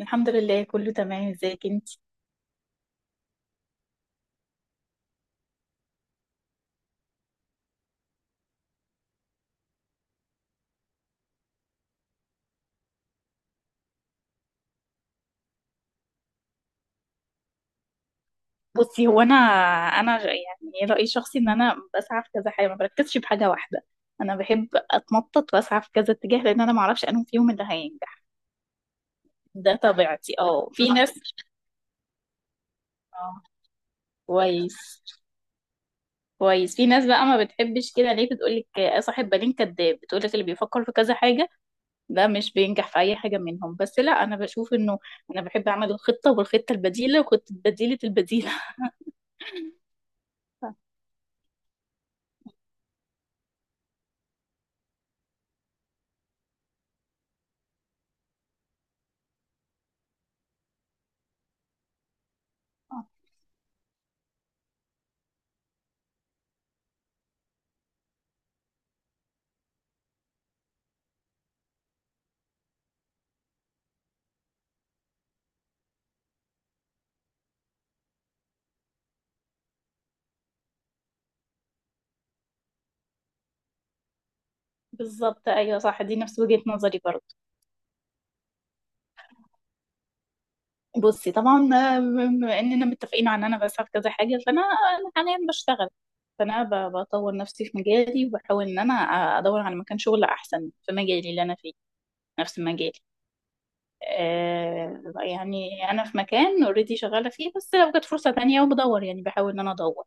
الحمد لله، كله تمام. ازيك انت؟ بصي، هو انا يعني رايي الشخصي ان انا بسعى في كذا حاجه، ما بركزش في حاجه واحده. انا بحب اتنطط واسعى في كذا اتجاه، لان انا ما اعرفش انهم فيهم اللي هينجح. ده طبيعتي. اه. في ناس. اه. كويس كويس. في ناس بقى ما بتحبش كده، ليه؟ بتقول لك صاحب بالين كداب، بتقول لك اللي بيفكر في كذا حاجه ده مش بينجح في اي حاجه منهم. بس لا، انا بشوف انه انا بحب اعمل الخطه والخطه البديله وخطه بديله البديله. بالظبط، ايوه صح، دي نفس وجهة نظري برضه. بصي، طبعا، بما اننا متفقين عن انا بسعى في كذا حاجه، فانا حاليا بشتغل. فانا بطور نفسي في مجالي، وبحاول ان انا ادور على مكان شغل احسن في مجالي اللي انا فيه. نفس مجالي. يعني انا في مكان اوريدي شغاله فيه، بس لو جت فرصه تانية وبدور، يعني بحاول ان انا ادور.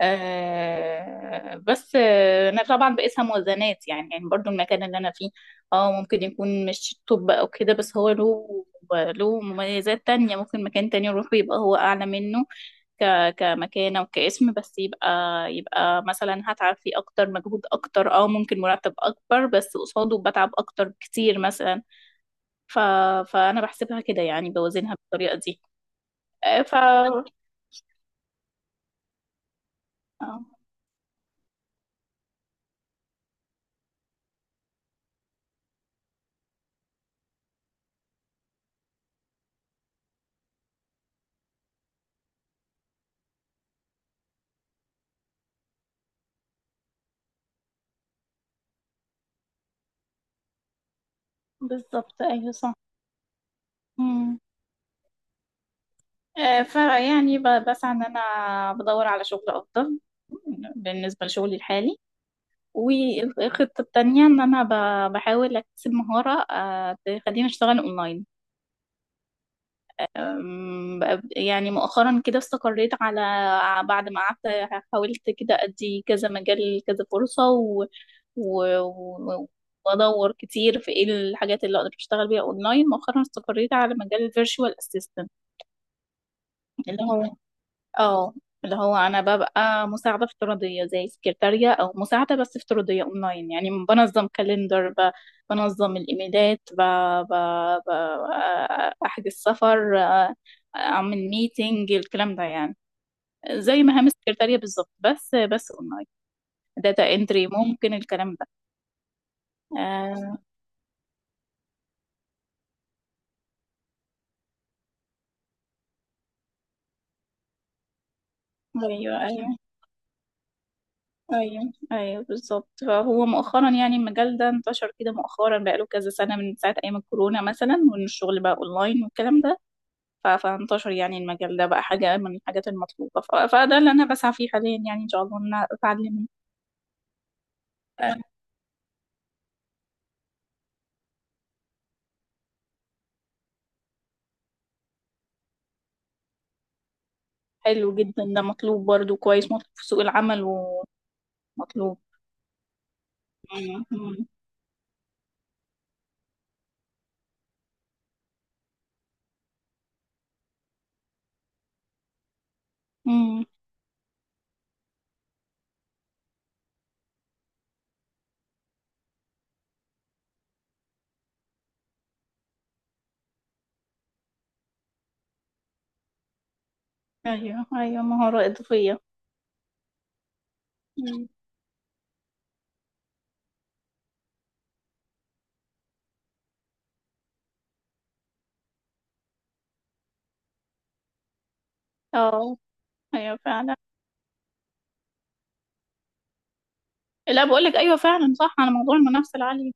بس انا طبعا بقيسها موازنات، يعني برضو المكان اللي انا فيه اه ممكن يكون مش توب او كده، بس هو له مميزات تانية. ممكن مكان تاني يروحه يبقى هو اعلى منه ك كمكانة وكاسم، بس يبقى مثلا هتعب فيه اكتر، مجهود اكتر، ممكن مرتب اكبر بس قصاده بتعب اكتر بكتير مثلا. ف فانا بحسبها كده، يعني بوازنها بالطريقة دي. ف بالظبط ايوه صح. فيعني بسعى ان انا بدور على شغل افضل بالنسبه لشغلي الحالي. والخطه التانية ان انا بحاول اكتسب مهاره تخليني اشتغل اونلاين. يعني مؤخرا كده استقريت على، بعد ما قعدت حاولت كده ادي كذا مجال كذا فرصه و... و... وادور كتير في ايه الحاجات اللي اقدر اشتغل بيها اونلاين، مؤخرا استقريت على مجال الفيرتشوال اسيستنت. اللي هو اه اللي هو انا ببقى مساعده افتراضيه زي سكرتاريه او مساعده، بس افتراضيه اونلاين. يعني بنظم كالندر، بنظم الايميلات، ب... ب... احجز سفر، اعمل ميتنج، الكلام ده يعني. زي مهام السكرتاريه بالظبط، بس اونلاين. داتا انتري، ممكن الكلام ده. آه، ايوه ايوه. ايوه ايوه بالظبط. فهو مؤخرا يعني المجال ده انتشر كده مؤخرا، بقاله كذا سنه، من ساعه ايام الكورونا مثلا، وان الشغل بقى اونلاين والكلام ده. فانتشر يعني المجال ده، بقى حاجة من الحاجات المطلوبة، فده اللي أنا بسعى فيه حاليا، يعني إن شاء الله إن أنا أتعلمه. آه، حلو جدا ده، مطلوب برضو، كويس مطلوب في سوق العمل، ومطلوب. مم. مم. مم. أيوه أيوه، مهارة إضافية. مم. اه، أيوه فعلا. لا، بقول لك أيوه فعلا صح، على موضوع المنافسة العالية.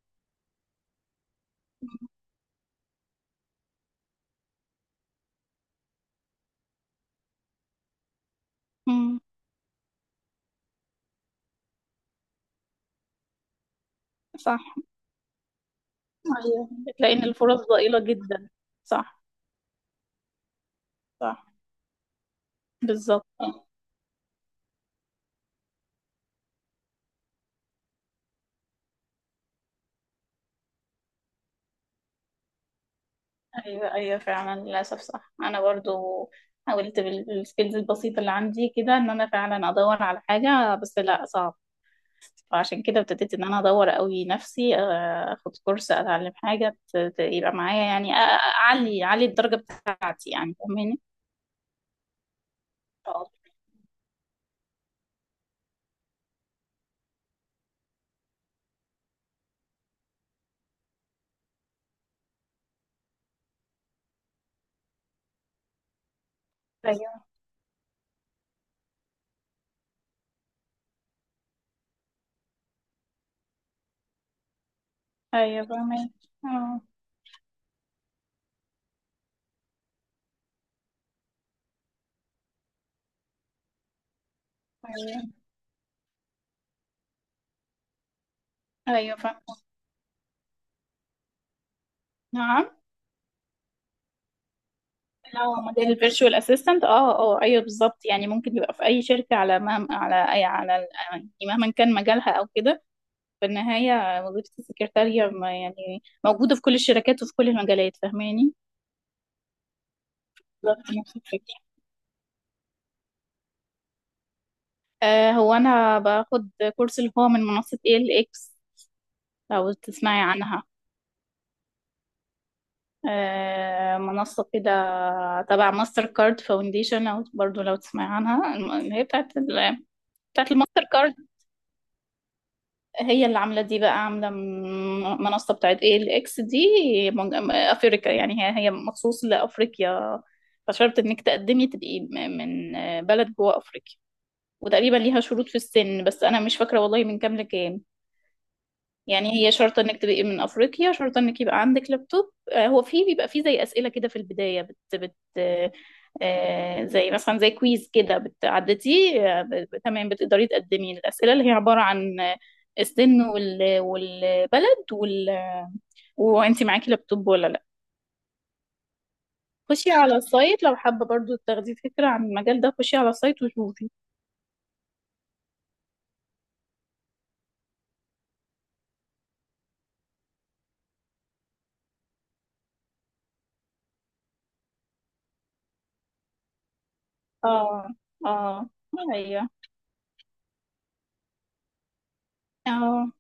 مم. صح. أيوه، بتلاقي إن الفرص ضئيلة جدا. صح صح. بالظبط. ايوه ايوه فعلا، للاسف صح، انا برضو حاولت بالسكيلز البسيطه اللي عندي كده ان انا فعلا ادور على حاجه، بس لا، صعب. فعشان كده ابتديت ان انا ادور قوي نفسي اخد كورس، اتعلم حاجه يبقى معايا، يعني اعلي الدرجه بتاعتي، يعني فاهماني؟ اه، ايوه ايوه فاهمه. اه، ايوه ايوه فاهمه. نعم. لو موديل الفيرتشوال اسيستنت، اه اه ايوه بالظبط، يعني ممكن يبقى في اي شركه، على مهما على اي على يعني مهما كان مجالها او كده. في النهاية وظيفة السكرتارية يعني موجودة في كل الشركات وفي كل المجالات، فاهماني؟ بالظبط نفس الفكرة. هو أنا باخد كورس، اللي هو من منصة ALX، لو تسمعي عنها. منصة كده تبع ماستر كارد فاونديشن، أو برضو لو تسمعي عنها اللي هي بتاعت الماستر كارد. هي اللي عاملة دي، بقى عاملة منصة بتاعت ايه الاكس دي. افريقيا، يعني هي مخصوص لافريقيا. فشرط انك تقدمي تبقي من بلد جوه افريقيا. وتقريبا ليها شروط في السن، بس انا مش فاكرة والله من كام لكام. يعني هي شرط انك تبقي من افريقيا، شرط انك يبقى عندك لابتوب. هو في بيبقى في زي اسئله كده في البدايه بت بت زي مثلا زي كويز كده بتعدتي، تمام، بتقدري تقدمي. الاسئله اللي هي عباره عن السن والبلد وانت معاكي لابتوب ولا لا. خشي على السايت، لو حابه برضو تاخدي فكره عن المجال ده، خشي على السايت وشوفي. اه اه ايوه اه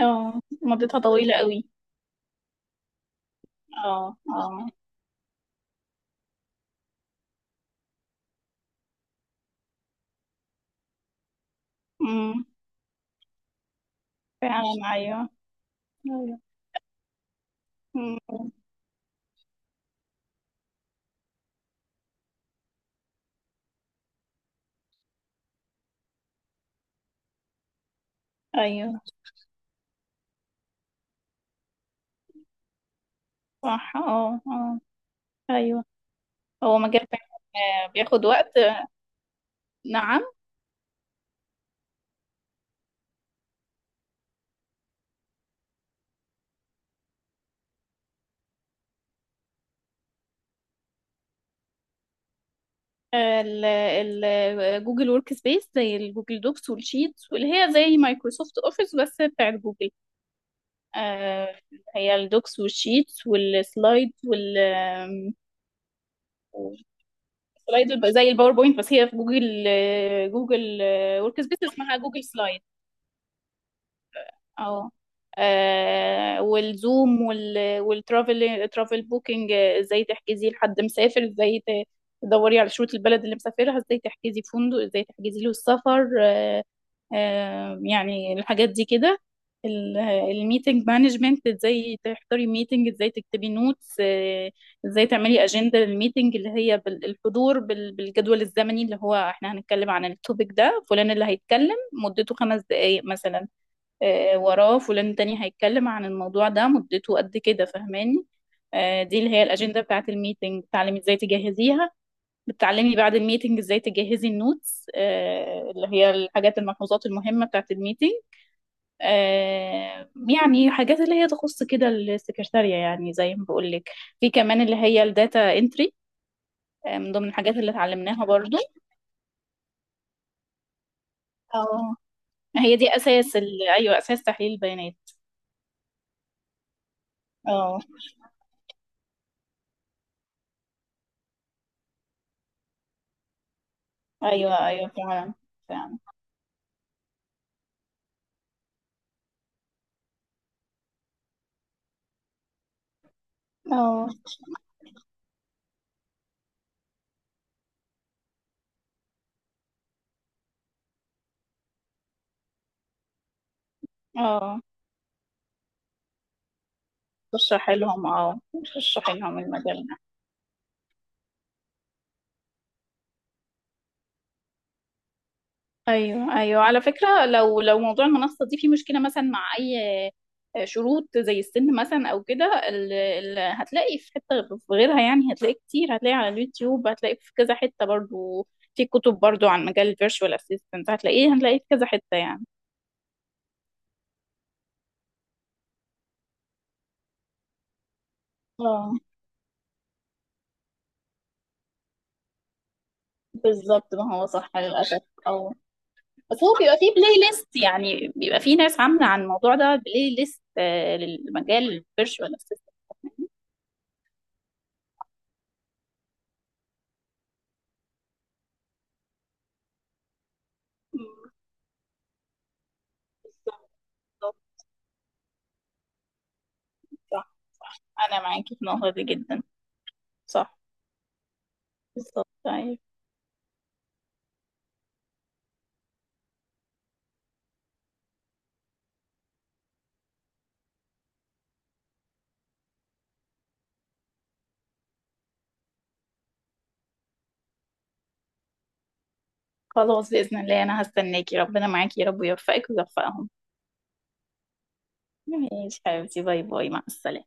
اه. مدتها طويله قوي. اه اه فعلا. أيوه أيوه. أمم، أيوه صح. اه اه أيوه. هو مجال فعلا بياخد وقت. نعم. آه، ال ال جوجل ورك سبيس، زي الجوجل دوكس والشيتس، واللي هي زي مايكروسوفت اوفيس بس بتاعت جوجل. آه، هي الدوكس والشيتس والسلايد سلايد، زي الباوربوينت، بس هي في جوجل. جوجل ورك سبيس اسمها جوجل سلايد. اه. والزوم ترافل بوكينج. ازاي تحجزي لحد مسافر، ازاي تدوري على شروط البلد اللي مسافرها، ازاي تحجزي فندق، ازاي تحجزي له السفر. يعني الحاجات دي كده. الميتنج مانجمنت، ازاي تحضري ميتنج، ازاي تكتبي نوتس. ازاي تعملي اجنده للميتنج، اللي هي بالحضور، بالجدول الزمني اللي هو احنا هنتكلم عن التوبيك ده، فلان اللي هيتكلم مدته خمس دقائق مثلا، وراه فلان تاني هيتكلم عن الموضوع ده مدته قد كده، فاهماني؟ دي اللي هي الأجندة بتاعة الميتنج، بتعلمي ازاي تجهزيها. بتعلمي بعد الميتنج ازاي تجهزي النوتس، اللي هي الحاجات، الملحوظات المهمة بتاعة الميتنج. يعني حاجات اللي هي تخص كده السكرتارية، يعني زي ما بقول لك. في كمان اللي هي الداتا انتري، من ضمن الحاجات اللي اتعلمناها برضو. اه، هي دي اساس ايوه، اساس تحليل البيانات. اه، ايوه ايوه فعلا. فعلا. اه اه. تشرح لهم اه تشرح لهم المجال ده. ايوه ايوه على فكره، لو موضوع المنصه دي فيه مشكله مثلا، مع اي شروط زي السن مثلا او كده، هتلاقي في حته في غيرها، يعني هتلاقي كتير، هتلاقي على اليوتيوب، هتلاقي في كذا حته برضو. في كتب برضو عن مجال الفيرتشوال اسيستنت، هتلاقيه في كذا حته يعني. اه بالظبط، ما هو صح للاسف. اه، بس هو بيبقى فيه بلاي ليست، يعني بيبقى فيه ناس عامله عن الموضوع ده بلاي ليست، للمجال الفيرتشوال. مم. بالظبط صح. انا معاكي في النقطه دي جدا. صح، بالظبط. طيب، خلاص، باذن الله انا هستناكي. ربنا معاكي يا رب، ويوفقك ويوفقهم. ماشي حبيبتي، باي باي، مع السلامه.